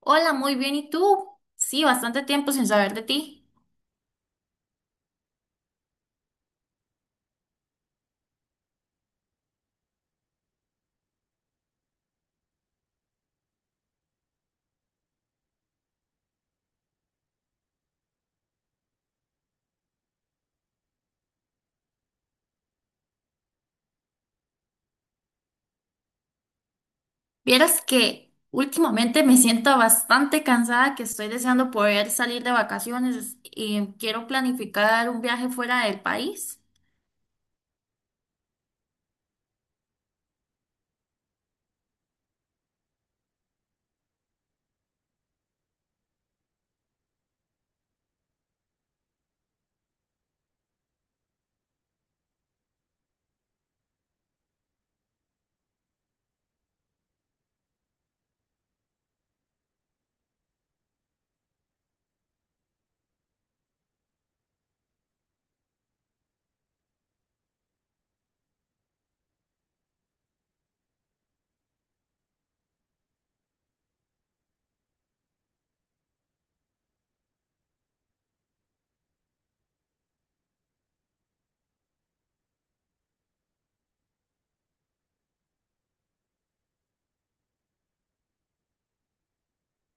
Hola, muy bien. ¿Y tú? Sí, bastante tiempo sin saber de ti. Vieras que últimamente me siento bastante cansada, que estoy deseando poder salir de vacaciones y quiero planificar un viaje fuera del país.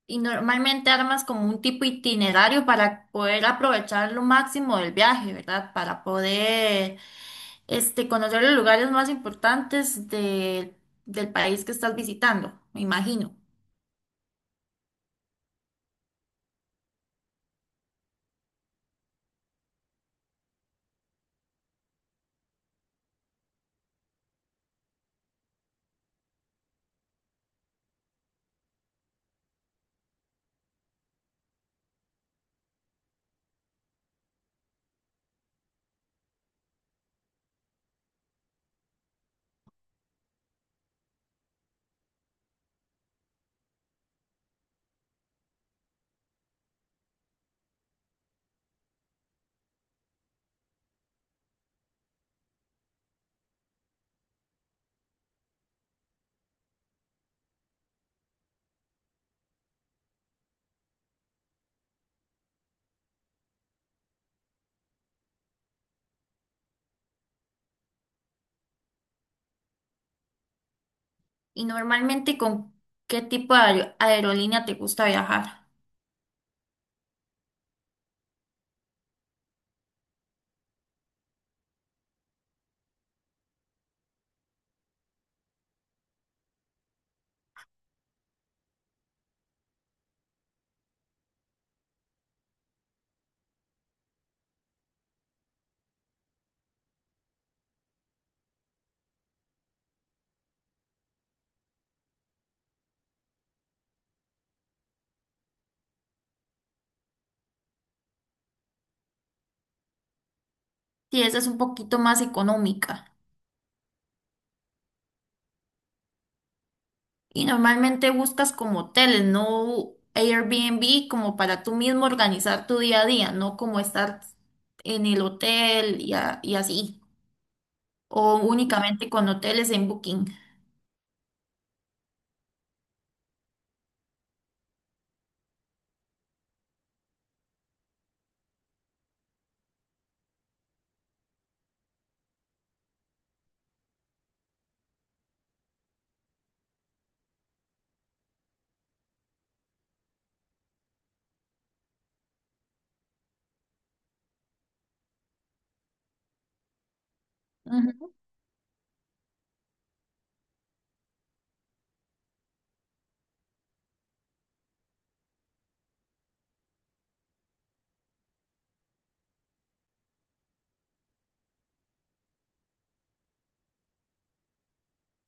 Y normalmente armas como un tipo itinerario para poder aprovechar lo máximo del viaje, ¿verdad? Para poder este, conocer los lugares más importantes del país que estás visitando, me imagino. Y normalmente, ¿con qué tipo de aerolínea te gusta viajar? Si esa es un poquito más económica. Y normalmente buscas como hoteles, no Airbnb, como para tú mismo organizar tu día a día, no como estar en el hotel y así. O únicamente con hoteles en Booking.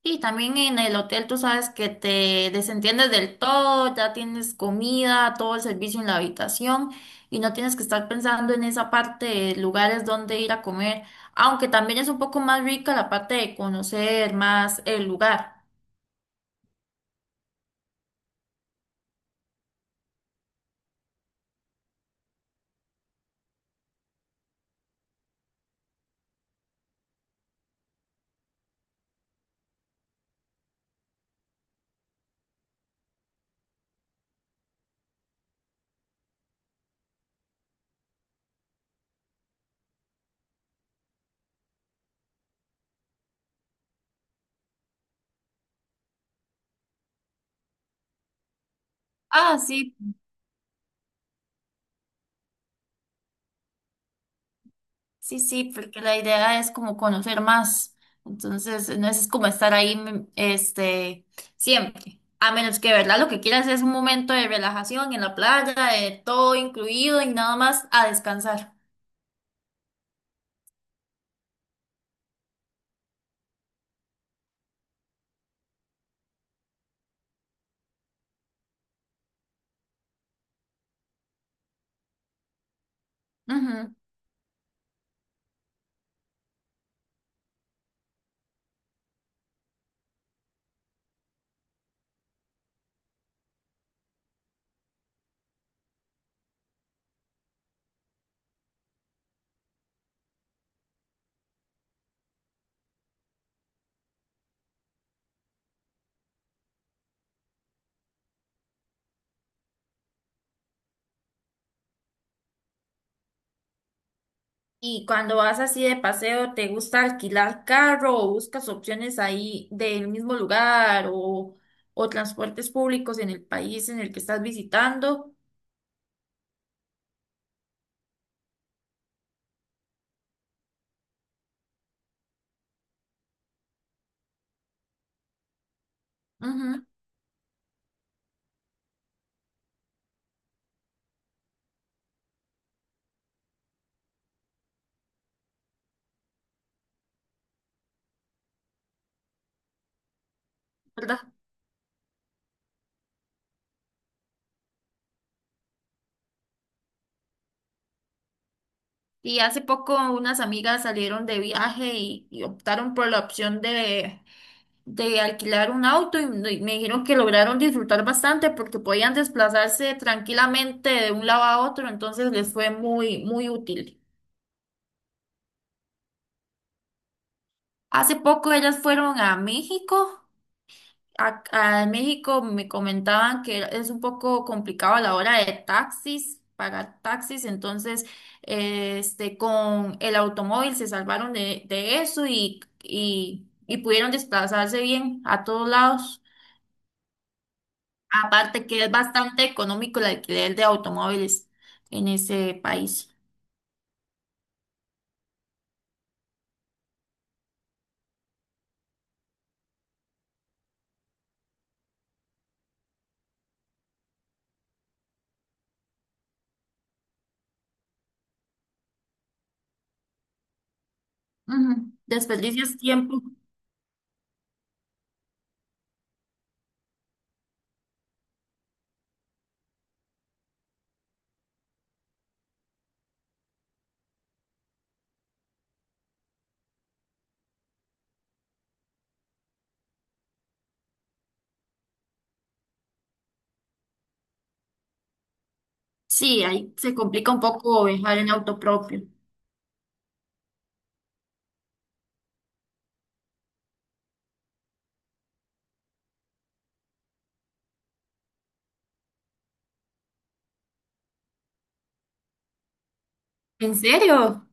Y también en el hotel tú sabes que te desentiendes del todo, ya tienes comida, todo el servicio en la habitación y no tienes que estar pensando en esa parte de lugares donde ir a comer, aunque también es un poco más rica la parte de conocer más el lugar. Ah, sí, sí, sí, porque la idea es como conocer más. Entonces, no es como estar ahí, este, siempre. A menos que, ¿verdad? Lo que quieras es un momento de relajación en la playa, de todo incluido y nada más a descansar. Ujú. Y cuando vas así de paseo, ¿te gusta alquilar carro o buscas opciones ahí del mismo lugar o transportes públicos en el país en el que estás visitando? Ujú. ¿Verdad? Y hace poco unas amigas salieron de viaje y optaron por la opción de alquilar un auto y me dijeron que lograron disfrutar bastante porque podían desplazarse tranquilamente de un lado a otro, entonces les fue muy, muy útil. Hace poco ellas fueron a México. En México me comentaban que es un poco complicado a la hora de taxis, pagar taxis, entonces este, con el automóvil se salvaron de eso y pudieron desplazarse bien a todos lados. Aparte que es bastante económico el alquiler de automóviles en ese país. Ujú. Desperdicias tiempo. Sí, ahí se complica un poco viajar en auto propio. ¿En serio?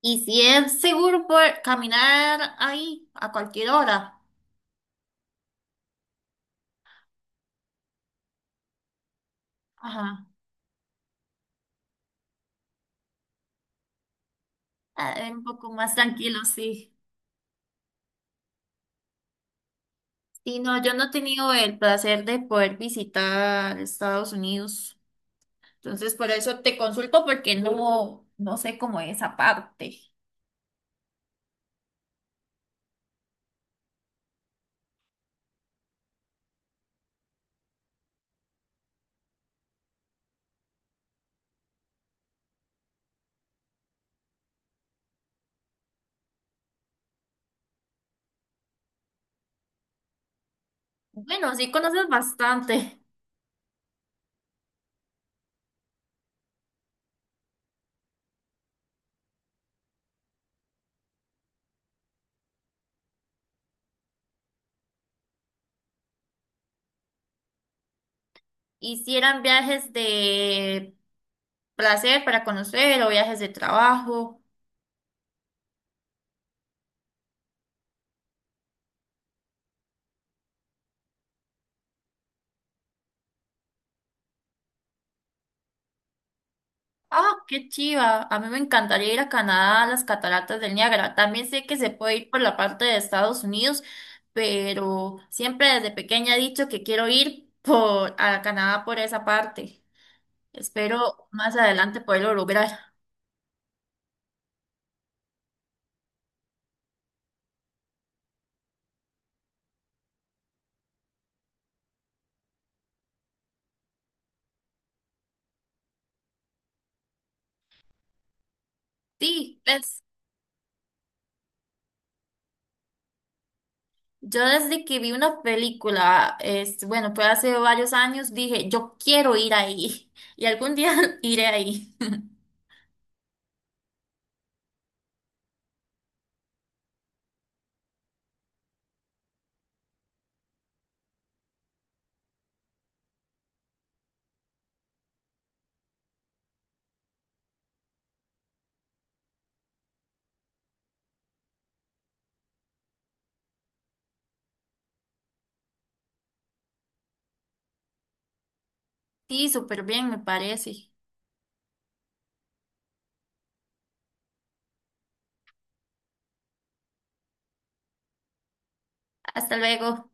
¿Y si es seguro por caminar ahí a cualquier hora? Ajá. Ah, es un poco más tranquilo, sí. Sí, no, yo no he tenido el placer de poder visitar Estados Unidos. Entonces, por eso te consulto porque no, no sé cómo es esa parte. Bueno, sí conoces bastante. ¿Hicieran viajes de placer para conocer o viajes de trabajo? Ah, qué chiva. A mí me encantaría ir a Canadá, a las cataratas del Niágara. También sé que se puede ir por la parte de Estados Unidos, pero siempre desde pequeña he dicho que quiero ir por a Canadá por esa parte. Espero más adelante poderlo lograr. Sí, pues yo desde que vi una película, es, bueno, fue hace varios años, dije, yo quiero ir ahí y algún día iré ahí. Sí, súper bien, me parece. Hasta luego.